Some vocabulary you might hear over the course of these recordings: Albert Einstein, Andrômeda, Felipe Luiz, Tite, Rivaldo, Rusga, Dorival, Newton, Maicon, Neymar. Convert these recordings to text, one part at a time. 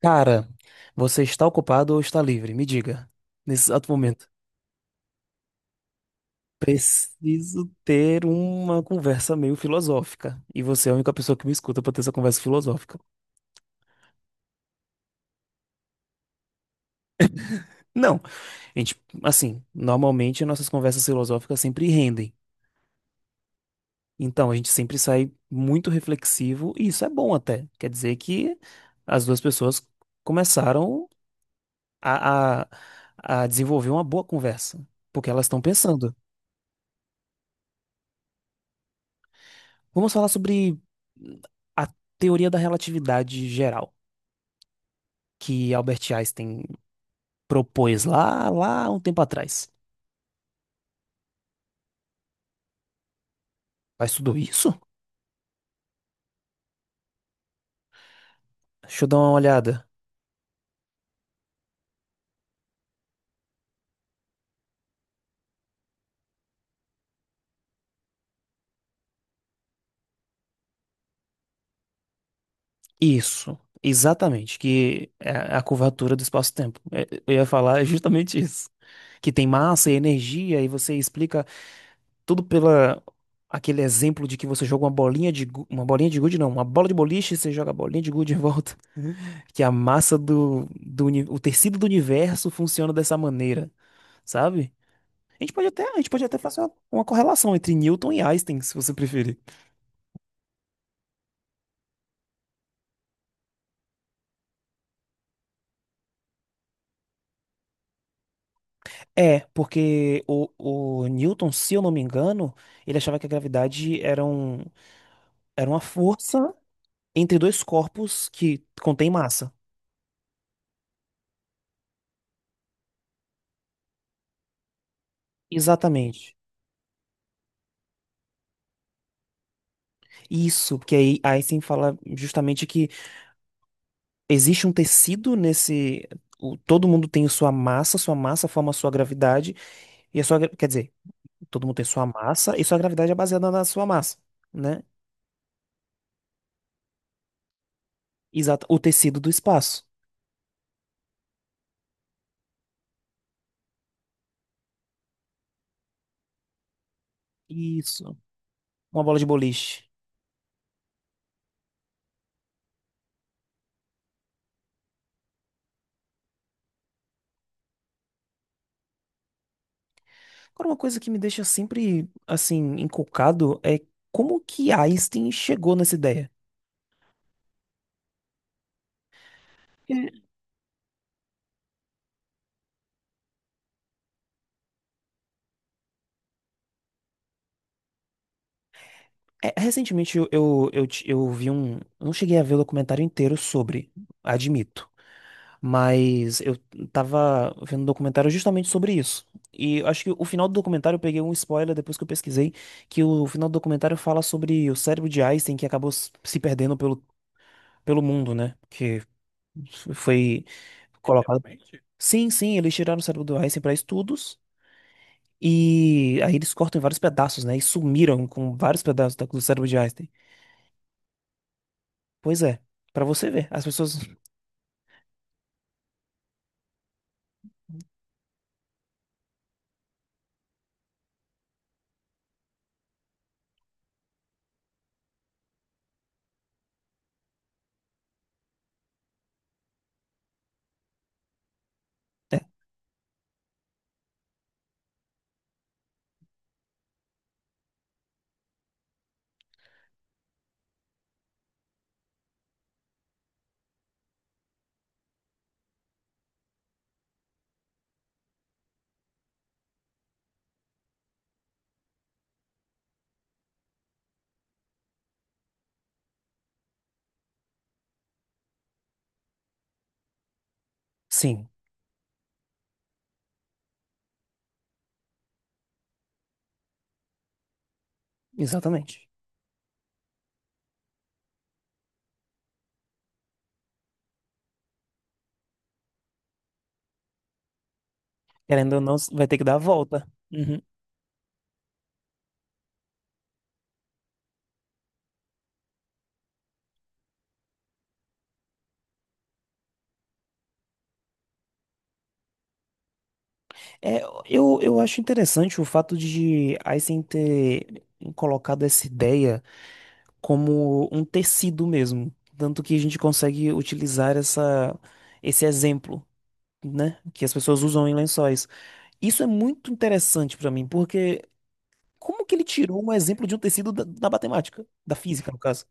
Cara, você está ocupado ou está livre? Me diga, nesse exato momento. Preciso ter uma conversa meio filosófica. E você é a única pessoa que me escuta para ter essa conversa filosófica. Não, a gente, assim, normalmente nossas conversas filosóficas sempre rendem. Então, a gente sempre sai muito reflexivo, e isso é bom até. Quer dizer que as duas pessoas começaram a, a, a desenvolver uma boa conversa, porque elas estão pensando. Vamos falar sobre a teoria da relatividade geral que Albert Einstein propôs lá um tempo atrás. Faz tudo isso? Deixa eu dar uma olhada. Isso, exatamente, que é a curvatura do espaço-tempo. É, eu ia falar justamente isso. Que tem massa e energia, e você explica tudo pela aquele exemplo de que você joga uma bolinha de gude, não, uma bola de boliche, você joga a bolinha de gude em volta. Que a massa o tecido do universo funciona dessa maneira, sabe? A gente pode até, a gente pode até fazer uma correlação entre Newton e Einstein, se você preferir. É, porque o Newton, se eu não me engano, ele achava que a gravidade era, um, era uma força entre dois corpos que contém massa. Exatamente. Isso, porque aí Einstein fala justamente que existe um tecido nesse. O- todo mundo tem sua massa forma a sua gravidade, e a sua, quer dizer, todo mundo tem sua massa e sua gravidade é baseada na sua massa, né? Exato. O tecido do espaço. Isso. Uma bola de boliche. Agora, uma coisa que me deixa sempre, assim, encucado é como que Einstein chegou nessa ideia. Porque, é, recentemente eu vi um. Eu não cheguei a ver o documentário inteiro sobre, admito. Mas eu tava vendo um documentário justamente sobre isso. E acho que o final do documentário eu peguei um spoiler depois que eu pesquisei, que o final do documentário fala sobre o cérebro de Einstein que acabou se perdendo pelo mundo, né? Que foi colocado. Sim, sim, eles tiraram o cérebro do Einstein para estudos e aí eles cortam em vários pedaços, né? E sumiram com vários pedaços do cérebro de Einstein. Pois é, pra você ver, as pessoas. É, sim. Exatamente. Querendo ou não, vai ter que dar a volta. Uhum. É, eu acho interessante o fato de Einstein ter colocado essa ideia como um tecido mesmo. Tanto que a gente consegue utilizar essa, esse exemplo, né? Que as pessoas usam em lençóis. Isso é muito interessante pra mim, porque como que ele tirou um exemplo de um tecido da matemática, da física, no caso?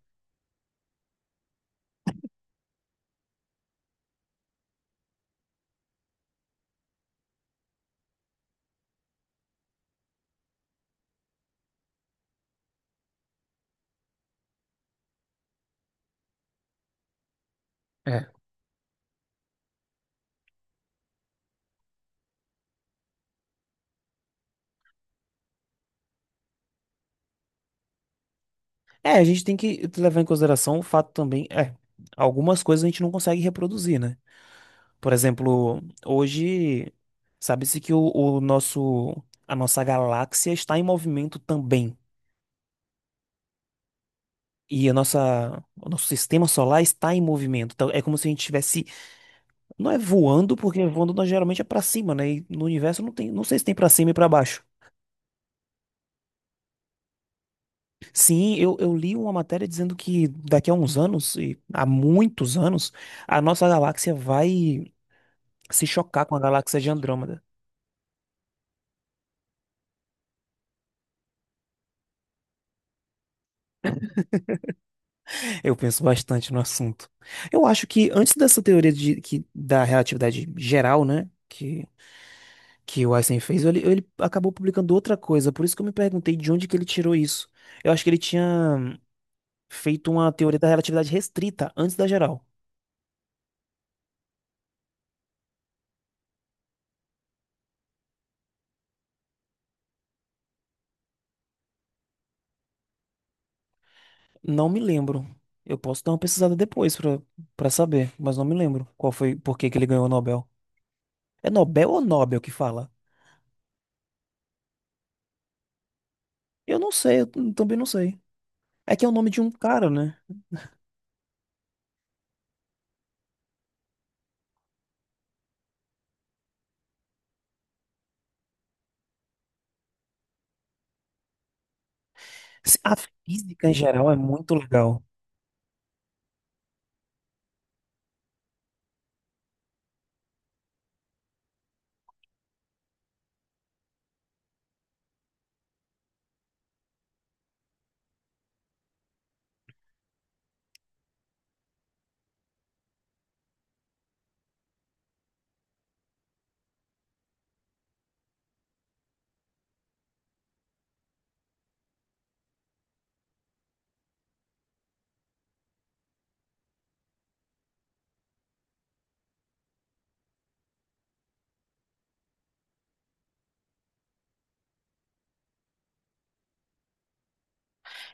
É. É, a gente tem que levar em consideração o fato também, é, algumas coisas a gente não consegue reproduzir, né? Por exemplo, hoje sabe-se que o nosso a nossa galáxia está em movimento também. E a nossa, o nosso sistema solar está em movimento. Então é como se a gente estivesse, não é voando, porque voando nós geralmente é para cima, né? E no universo não tem, não sei se tem para cima e para baixo. Sim, eu li uma matéria dizendo que daqui a uns anos, e há muitos anos, a nossa galáxia vai se chocar com a galáxia de Andrômeda. Eu penso bastante no assunto. Eu acho que antes dessa teoria de, que, da relatividade geral, né, que o Einstein fez, ele acabou publicando outra coisa. Por isso que eu me perguntei de onde que ele tirou isso. Eu acho que ele tinha feito uma teoria da relatividade restrita antes da geral. Não me lembro. Eu posso dar uma pesquisada depois pra para saber, mas não me lembro qual foi, por que que ele ganhou o Nobel. É Nobel ou Nobel que fala? Eu não sei, eu também não sei. É que é o nome de um cara, né? A física em geral é muito legal.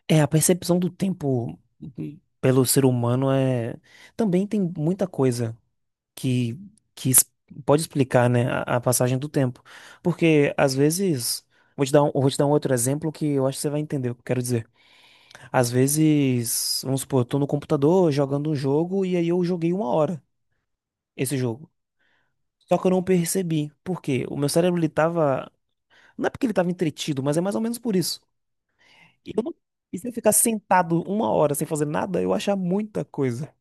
É, a percepção do tempo uhum, pelo ser humano é. Também tem muita coisa que, que es- pode explicar, né, a passagem do tempo. Porque, às vezes. Vou te dar um outro exemplo que eu acho que você vai entender o que eu quero dizer. Às vezes, vamos supor, eu tô no computador jogando um jogo e aí eu joguei uma hora esse jogo. Só que eu não percebi. Por quê? O meu cérebro, ele tava. Não é porque ele tava entretido, mas é mais ou menos por isso. E eu não- e se eu ficar sentado uma hora sem fazer nada, eu vou achar muita coisa.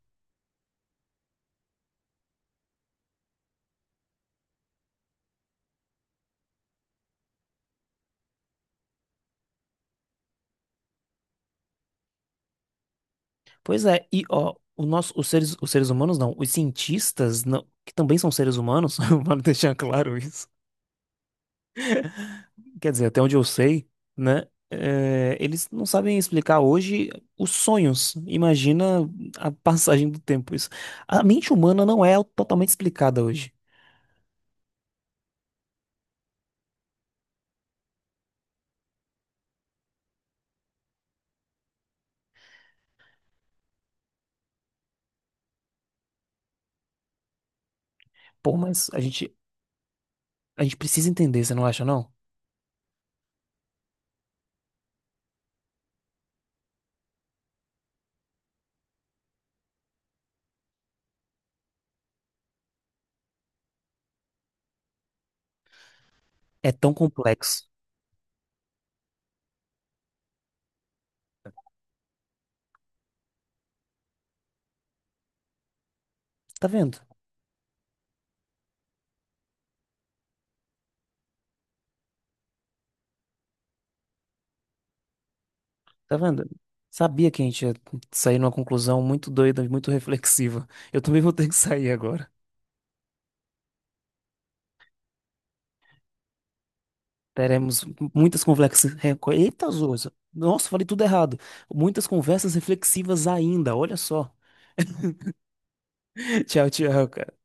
Pois é, e ó, o nosso, os seres humanos não, os cientistas, não, que também são seres humanos, vale deixar claro isso. Quer dizer, até onde eu sei, né? É, eles não sabem explicar hoje os sonhos. Imagina a passagem do tempo. Isso. A mente humana não é totalmente explicada hoje. Pô, mas a gente precisa entender, você não acha, não? É tão complexo. Tá vendo? Tá vendo? Sabia que a gente ia sair numa conclusão muito doida, muito reflexiva. Eu também vou ter que sair agora. Teremos muitas conversas. Eita, Zoza. Nossa, falei tudo errado. Muitas conversas reflexivas ainda, olha só. Tchau, tchau, cara.